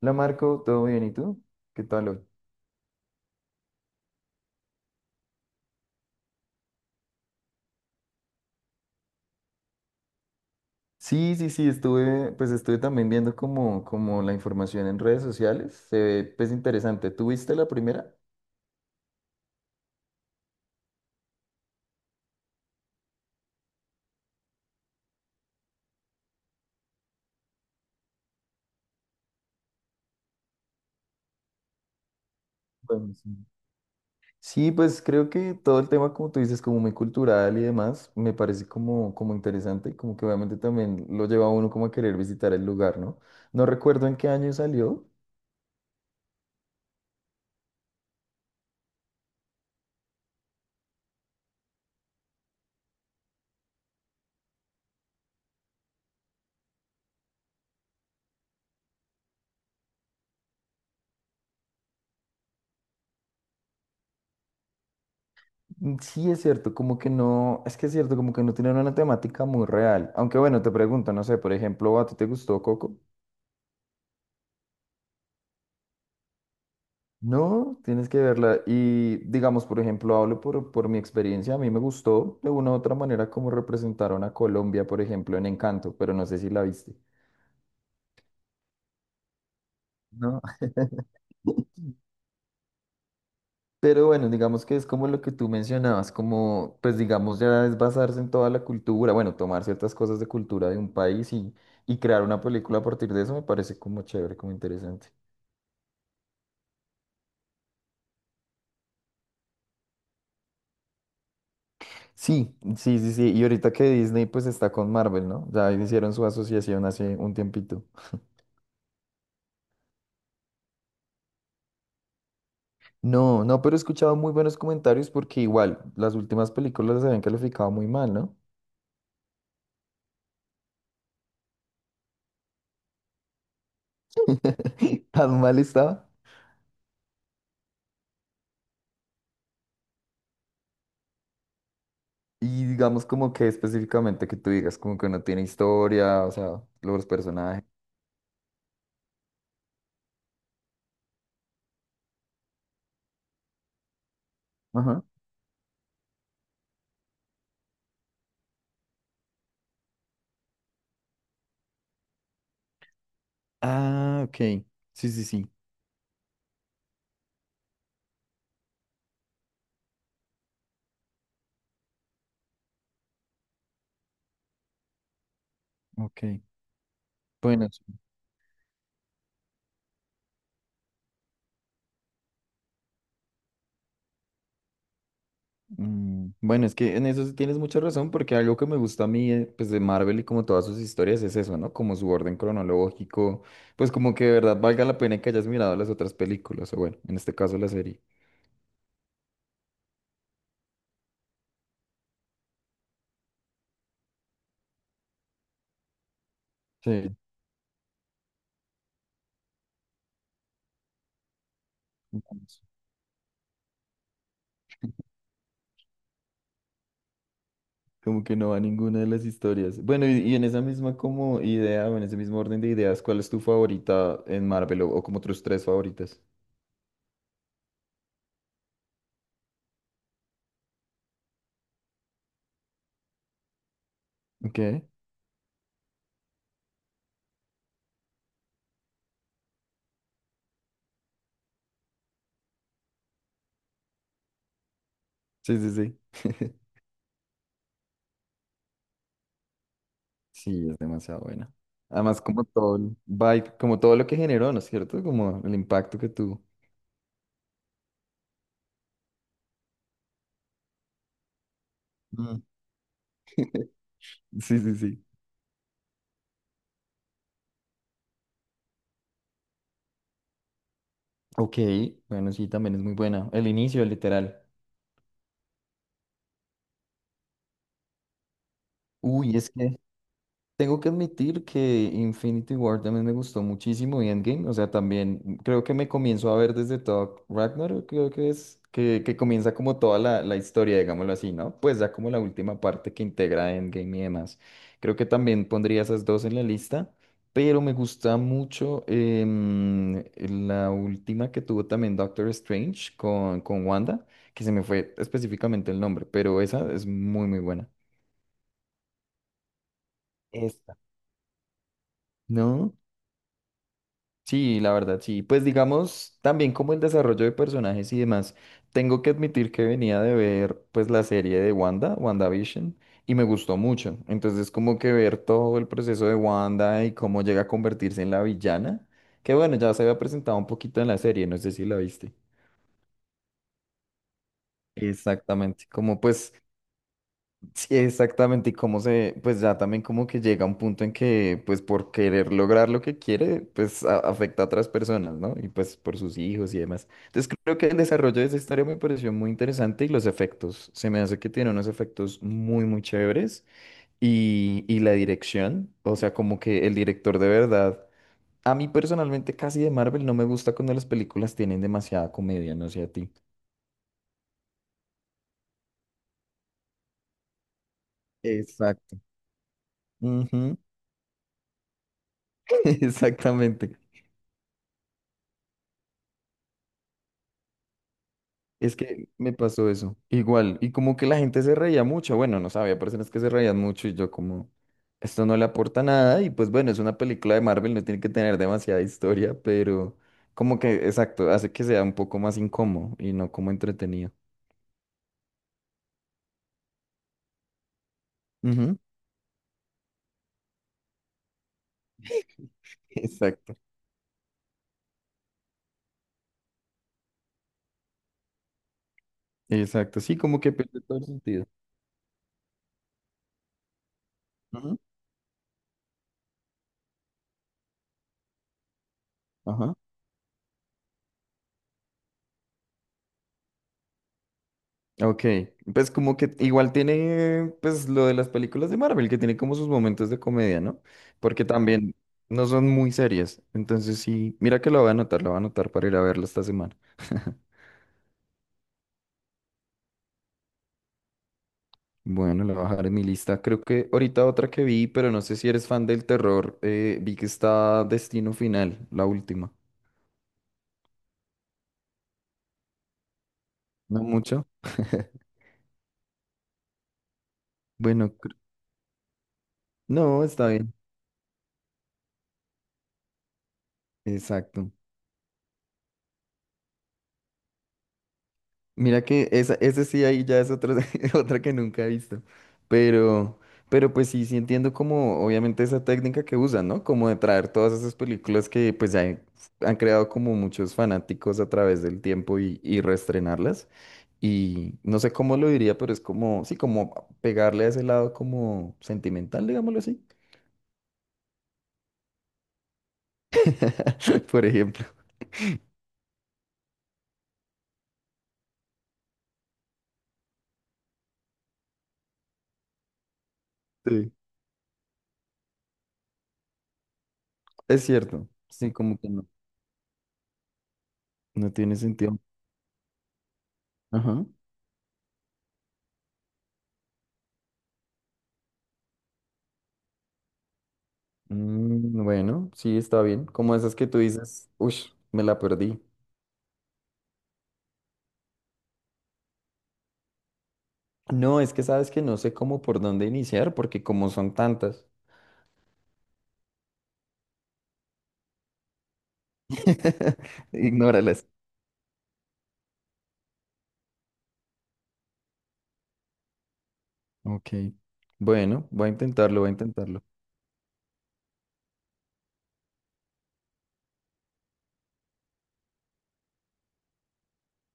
La Marco, ¿todo bien? ¿Y tú? ¿Qué tal hoy? Sí, estuve, pues estuve también viendo como, como la información en redes sociales. Se ve, pues interesante. ¿Tú viste la primera? Bueno, sí. Sí, pues creo que todo el tema, como tú dices, como muy cultural y demás, me parece como, como interesante y como que obviamente también lo lleva a uno como a querer visitar el lugar, ¿no? No recuerdo en qué año salió. Sí, es cierto, como que no, es que es cierto, como que no tienen una temática muy real. Aunque bueno, te pregunto, no sé, por ejemplo, ¿a ti te gustó Coco? No, tienes que verla. Y digamos, por ejemplo, hablo por mi experiencia. A mí me gustó de una u otra manera cómo representaron a Colombia, por ejemplo, en Encanto, pero no sé si la viste. No. Pero bueno, digamos que es como lo que tú mencionabas, como, pues digamos, ya es basarse en toda la cultura, bueno, tomar ciertas cosas de cultura de un país y crear una película a partir de eso me parece como chévere, como interesante. Sí. Y ahorita que Disney pues está con Marvel, ¿no? Ya hicieron su asociación hace un tiempito. No, no, pero he escuchado muy buenos comentarios porque igual las últimas películas las habían calificado muy mal, ¿no? Tan mal estaba. Y digamos como que específicamente que tú digas como que no tiene historia, o sea, los personajes. Ajá. Ah, ok. Sí. Ok. Bueno, sí. Bueno, es que en eso sí tienes mucha razón porque algo que me gusta a mí, pues de Marvel y como todas sus historias es eso, ¿no? Como su orden cronológico, pues como que de verdad valga la pena que hayas mirado las otras películas, o bueno, en este caso la serie. Sí. Entonces, como que no va ninguna de las historias. Bueno, y en esa misma como idea o en ese mismo orden de ideas, ¿cuál es tu favorita en Marvel o como tus tres favoritas? Ok. Sí. Sí, es demasiado buena. Además, como todo el vibe, como todo lo que generó, ¿no es cierto? Como el impacto que tuvo. Mm, sí. Ok, bueno, sí, también es muy buena. El inicio, literal. Uy, es que tengo que admitir que Infinity War también me gustó muchísimo y Endgame, o sea, también creo que me comienzo a ver desde Thor Ragnarok, creo que es, que comienza como toda la, la historia, digámoslo así, ¿no? Pues ya como la última parte que integra Endgame y demás. Creo que también pondría esas dos en la lista, pero me gusta mucho la última que tuvo también Doctor Strange con Wanda, que se me fue específicamente el nombre, pero esa es muy, muy buena. Esta. ¿No? Sí, la verdad, sí. Pues digamos, también como el desarrollo de personajes y demás, tengo que admitir que venía de ver pues la serie de Wanda, WandaVision, y me gustó mucho. Entonces como que ver todo el proceso de Wanda y cómo llega a convertirse en la villana, que bueno, ya se había presentado un poquito en la serie, no sé si la viste. Exactamente, como pues sí, exactamente, y cómo se, pues ya también como que llega un punto en que, pues por querer lograr lo que quiere, pues afecta a otras personas, ¿no? Y pues por sus hijos y demás. Entonces creo que el desarrollo de esa historia me pareció muy interesante y los efectos, se me hace que tiene unos efectos muy, muy chéveres y la dirección, o sea, como que el director de verdad, a mí personalmente casi de Marvel no me gusta cuando las películas tienen demasiada comedia, no sé a ti. Exacto. Ujú, exactamente. Es que me pasó eso. Igual. Y como que la gente se reía mucho. Bueno, no sabía, personas que se reían mucho y yo como, esto no le aporta nada. Y pues bueno, es una película de Marvel, no tiene que tener demasiada historia, pero como que, exacto, hace que sea un poco más incómodo y no como entretenido. Ujú, exacto. Exacto. Sí, como que pierde todo el sentido. Ujú, ajá. Ok, pues como que igual tiene pues lo de las películas de Marvel, que tiene como sus momentos de comedia, ¿no? Porque también no son muy serias. Entonces sí, mira que lo voy a anotar, lo voy a anotar para ir a verlo esta semana. Bueno, lo voy a bajar en mi lista. Creo que ahorita otra que vi, pero no sé si eres fan del terror, vi que está Destino Final, la última. No mucho. Bueno, no, está bien. Exacto. Mira que esa, ese sí ahí ya es otra, otra que nunca he visto. Pero, pero pues sí, sí entiendo como obviamente esa técnica que usan, ¿no? Como de traer todas esas películas que pues ya han creado como muchos fanáticos a través del tiempo y reestrenarlas. Y no sé cómo lo diría, pero es como, sí, como pegarle a ese lado como sentimental, digámoslo así. Por ejemplo. Sí. Es cierto. Sí, como que no, no tiene sentido. Ajá. Bueno, sí, está bien. Como esas que tú dices, uff, me la perdí. No, es que sabes que no sé cómo por dónde iniciar, porque como son tantas, ignóralas. Ok. Bueno, voy a intentarlo, voy a intentarlo.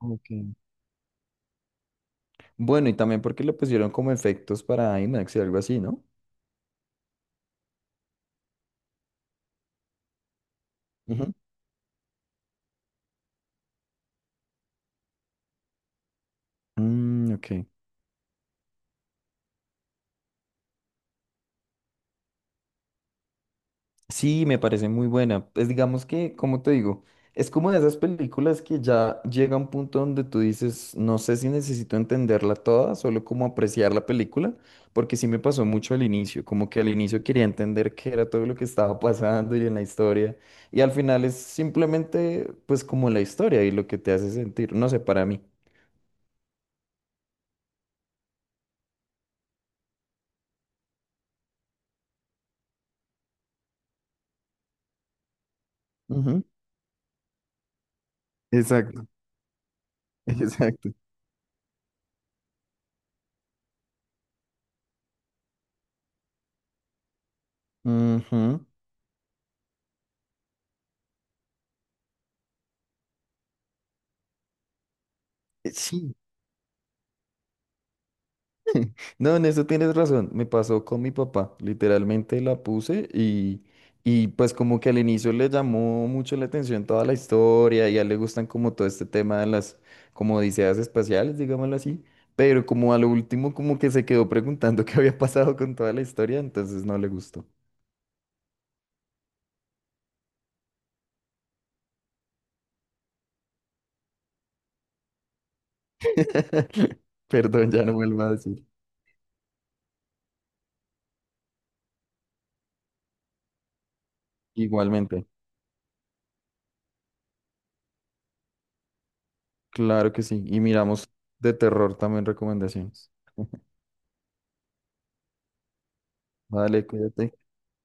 Ok. Bueno, y también porque le pusieron como efectos para IMAX y algo así, ¿no? Ujú. Ok. Sí, me parece muy buena. Pues digamos que, como te digo, es como de esas películas que ya llega a un punto donde tú dices, no sé si necesito entenderla toda, solo como apreciar la película, porque sí me pasó mucho al inicio, como que al inicio quería entender qué era todo lo que estaba pasando y en la historia, y al final es simplemente pues como la historia y lo que te hace sentir, no sé, para mí. Ujú, exacto, exacto. Ujú. Sí, no, en eso tienes razón. Me pasó con mi papá. Literalmente la puse y pues como que al inicio le llamó mucho la atención toda la historia y a él le gustan como todo este tema de las como odiseas espaciales, digámoslo así. Pero como a lo último como que se quedó preguntando qué había pasado con toda la historia, entonces no le gustó. Perdón, ya no vuelvo a decir. Igualmente, claro que sí. Y miramos de terror también recomendaciones. Vale, cuídate.